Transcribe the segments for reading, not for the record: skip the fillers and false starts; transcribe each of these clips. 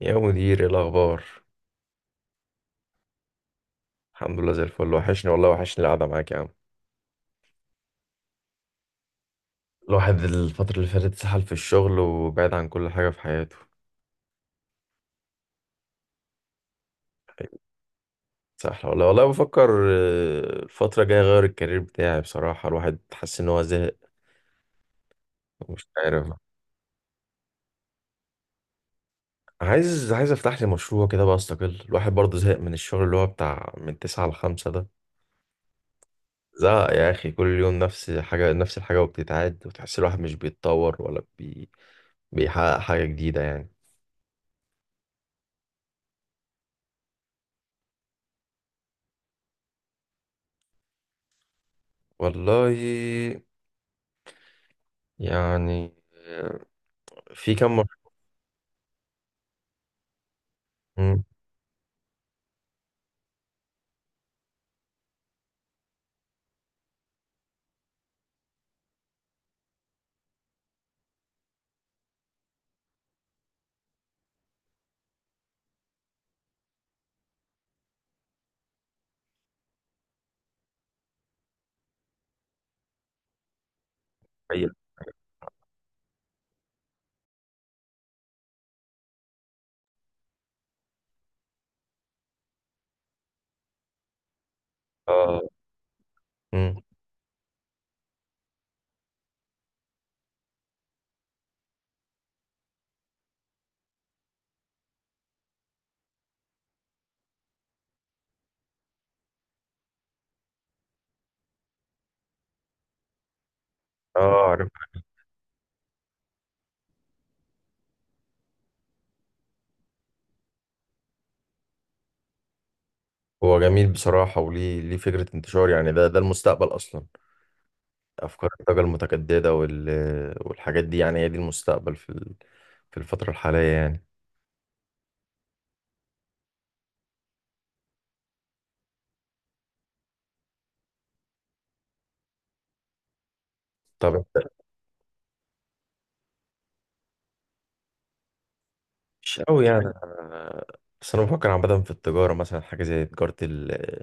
يا مدير ايه الاخبار؟ الحمد لله زي الفل، وحشني والله، وحشني القعده معاك يا عم. الواحد الفتره اللي فاتت سحل في الشغل وبعد عن كل حاجه في حياته. سحل والله والله. بفكر الفتره الجايه اغير الكارير بتاعي، بصراحه الواحد حاسس ان هو زهق. مش عارف. عايز افتح لي مشروع كده بقى، استقل. الواحد برضه زهق من الشغل اللي هو بتاع من تسعة لخمسة ده. زهق يا اخي، كل يوم نفس حاجه نفس الحاجه وبتتعاد، وتحس الواحد مش بيتطور ولا بيحقق حاجه جديده يعني. والله، يعني، في كم مر... مم. حقيقة. اه. مم. اه عارف. هو جميل بصراحة، وليه فكرة انتشار؟ يعني ده المستقبل أصلا، أفكار الطاقة المتجددة والحاجات دي، يعني هي دي المستقبل في في الفترة الحالية يعني. طب انت، مش قوي يعني، بس أنا بفكر عامة في التجارة مثلا، حاجة زي تجارة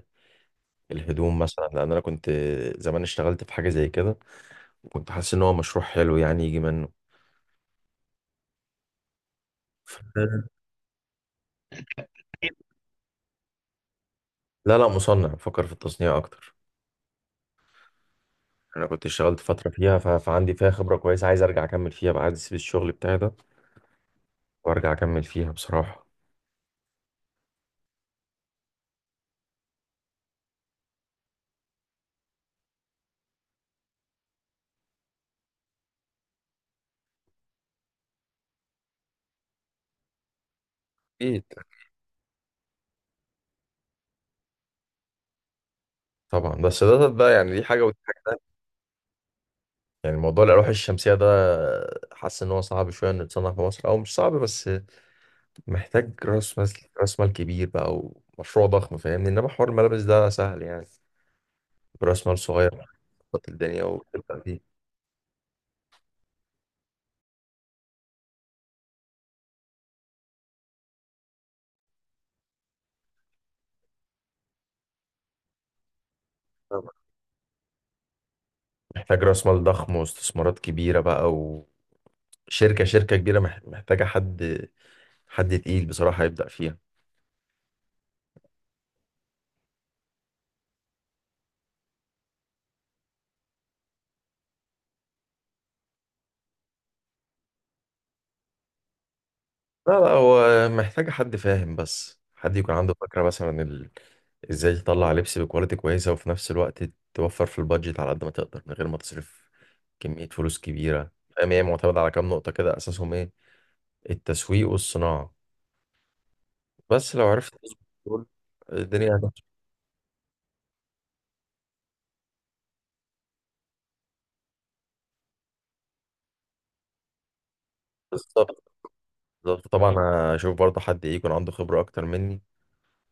الهدوم مثلا، لأن أنا كنت زمان اشتغلت في حاجة زي كده وكنت حاسس إن هو مشروع حلو يعني يجي منه. لا، لا، مصنع، بفكر في التصنيع أكتر. انا كنت اشتغلت فتره فيها فعندي فيها خبره كويسه، عايز ارجع اكمل فيها بقى، عايز اسيب الشغل بتاعي ده وارجع اكمل فيها بصراحه. اكيد. طبعا، بس ده ده يعني، دي حاجه ودي حاجه. يعني موضوع الالواح الشمسيه ده حاسس ان هو صعب شويه انه يتصنع في مصر، او مش صعب بس محتاج راس مال، راس مال كبير بقى، ومشروع ضخم، فاهمني؟ انما حوار الملابس ده سهل يعني، براس مال صغير تظبط الدنيا وتبدا فيه. طبعاً. محتاج راس مال ضخم واستثمارات كبيره بقى، وشركه كبيره، محتاجه حد، حد تقيل بصراحه يبدا فيها. لا، لا، هو محتاج حد فاهم، بس حد يكون عنده فكرة مثلا ازاي تطلع لبس بكواليتي كويسة، وفي نفس الوقت توفر في البادجت على قد ما تقدر، من غير ما تصرف كمية فلوس كبيرة. فاهم؟ هي معتمدة على كام نقطة كده، أساسهم ايه؟ التسويق والصناعة، بس لو عرفت تظبط دول الدنيا هتمشي. بالظبط، بالظبط طبعا. هشوف برضه حد ايه، يكون عنده خبرة أكتر مني.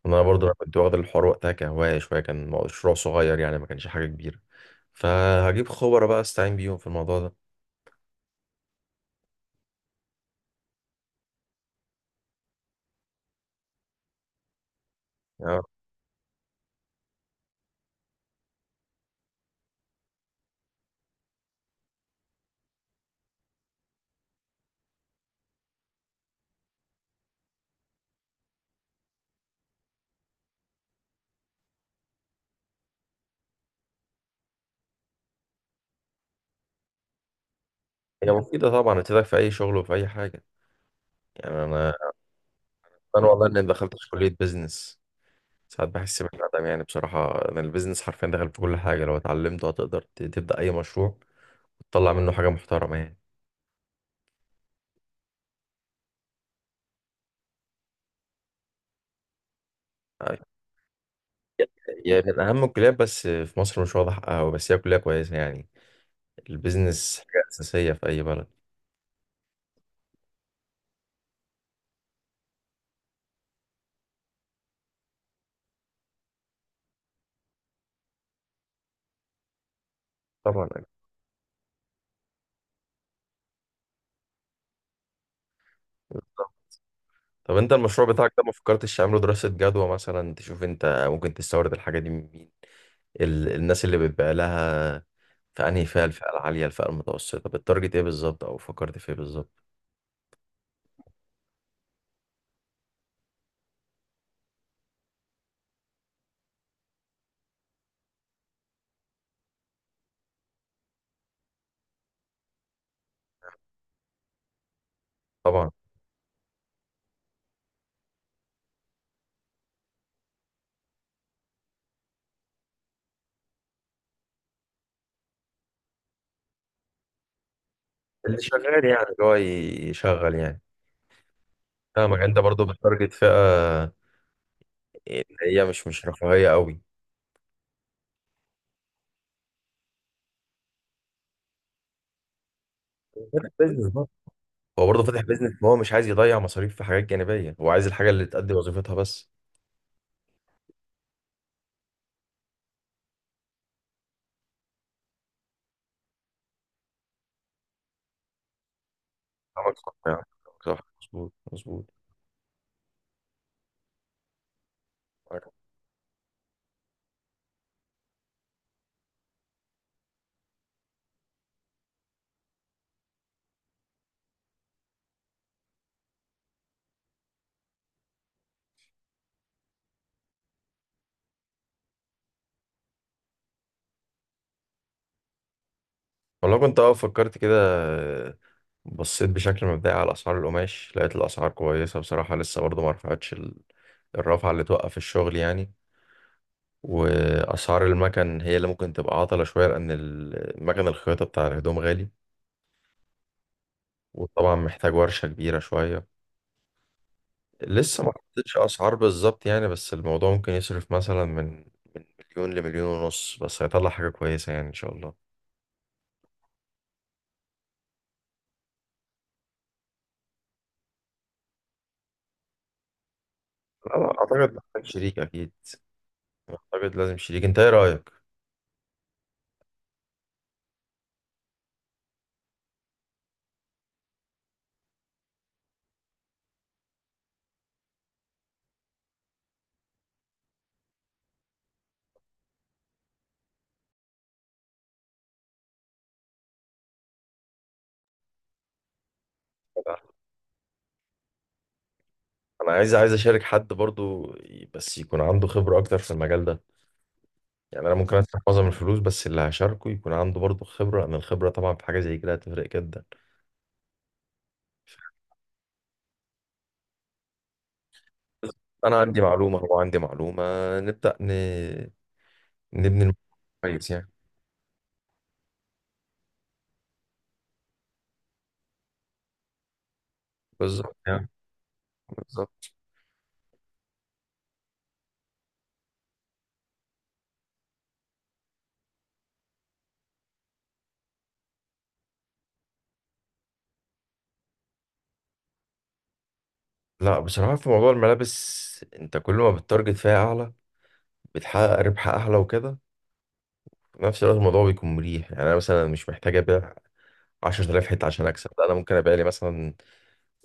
أنا برضه، أنا كنت واخد الحوار وقتها كهواية شوية، كان مشروع صغير يعني، ما كانش حاجة كبيرة، فهجيب خبرة بقى استعين بيهم في الموضوع ده. يعني هي مفيدة طبعا، هتفيدك في أي شغل وفي أي حاجة. يعني أنا والله إني دخلت في كلية بيزنس ساعات بحس بالندم، يعني بصراحة أنا البيزنس حرفيا دخل في كل حاجة، لو اتعلمته هتقدر تبدأ أي مشروع تطلع منه حاجة محترمة يعني. آه، هي من أهم الكليات، بس في مصر مش واضح أوي، بس هي كلية كويسة يعني، البيزنس حاجة أساسية في أي بلد. طبعا أكيد. طبعا. طب أنت المشروع بتاعك ده ما فكرتش تعمله دراسة جدوى مثلا؟ تشوف أنت ممكن تستورد الحاجة دي من مين، الناس اللي بتبيع لها، فأنهي فئة؟ الفئة العالية الفئة المتوسطة؟ بالتارجت إيه بالظبط، أو فكرت في إيه بالظبط؟ طبعا. اللي شغال يعني، اللي هو يشغل يعني. فاهمك. أنت برضو بالتارجت فئة اللي هي مش رفاهية قوي. فاتح بيزنس برضه، هو برضه فاتح بيزنس، هو مش عايز يضيع مصاريف في حاجات جانبية، هو عايز الحاجة اللي تأدي وظيفتها بس. فاهمك، صح يعني. كلامك صح، مظبوط، مظبوط. والله كنت اه فكرت كده، بصيت بشكل مبدئي على اسعار القماش، لقيت الاسعار كويسه بصراحه، لسه برضو ما رفعتش الرفعه اللي توقف الشغل يعني. واسعار المكن هي اللي ممكن تبقى عطلة شوية، لان المكن الخياطة بتاع الهدوم غالي وطبعا محتاج ورشة كبيرة شوية. لسه ما حطيتش اسعار بالظبط يعني، بس الموضوع ممكن يصرف مثلا من مليون لمليون ونص، بس هيطلع حاجة كويسة يعني ان شاء الله. لا، لا، اعتقد محتاج شريك اكيد، اعتقد لازم شريك. انت ايه رأيك؟ انا عايز اشارك حد برضو، بس يكون عنده خبرة اكتر في المجال ده. يعني انا ممكن ادفع معظم الفلوس، بس اللي هشاركه يكون عنده برضو خبرة، لان الخبرة طبعا في حاجة زي كده هتفرق جدا. انا عندي معلومه هو عندي معلومه، نبدا نبني الموضوع كويس يعني. بالظبط يعني. بالظبط. لا بصراحه في موضوع الملابس انت كل ما بتتارجت فيها اعلى، بتحقق ربح اعلى وكده، في نفس الوقت الموضوع بيكون مريح يعني. انا مثلا مش محتاج ابيع 10,000 حته عشان اكسب، لا انا ممكن ابيع لي مثلا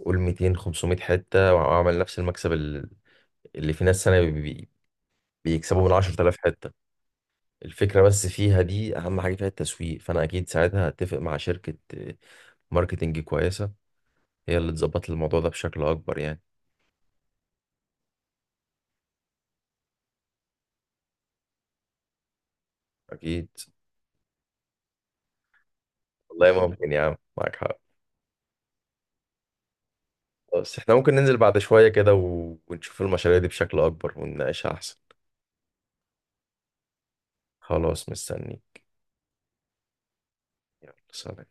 قول 200 500 حته واعمل نفس المكسب اللي في ناس سنه بيكسبوا من 10,000 حته. الفكره بس فيها دي، اهم حاجه فيها التسويق، فانا اكيد ساعتها هتفق مع شركه ماركتنج كويسه، هي اللي تظبط الموضوع ده بشكل اكبر يعني. اكيد. والله ممكن يا عم، معاك حق. بس احنا ممكن ننزل بعد شوية كده ونشوف المشاريع دي بشكل اكبر ونناقشها احسن. خلاص مستني. يلا سلام.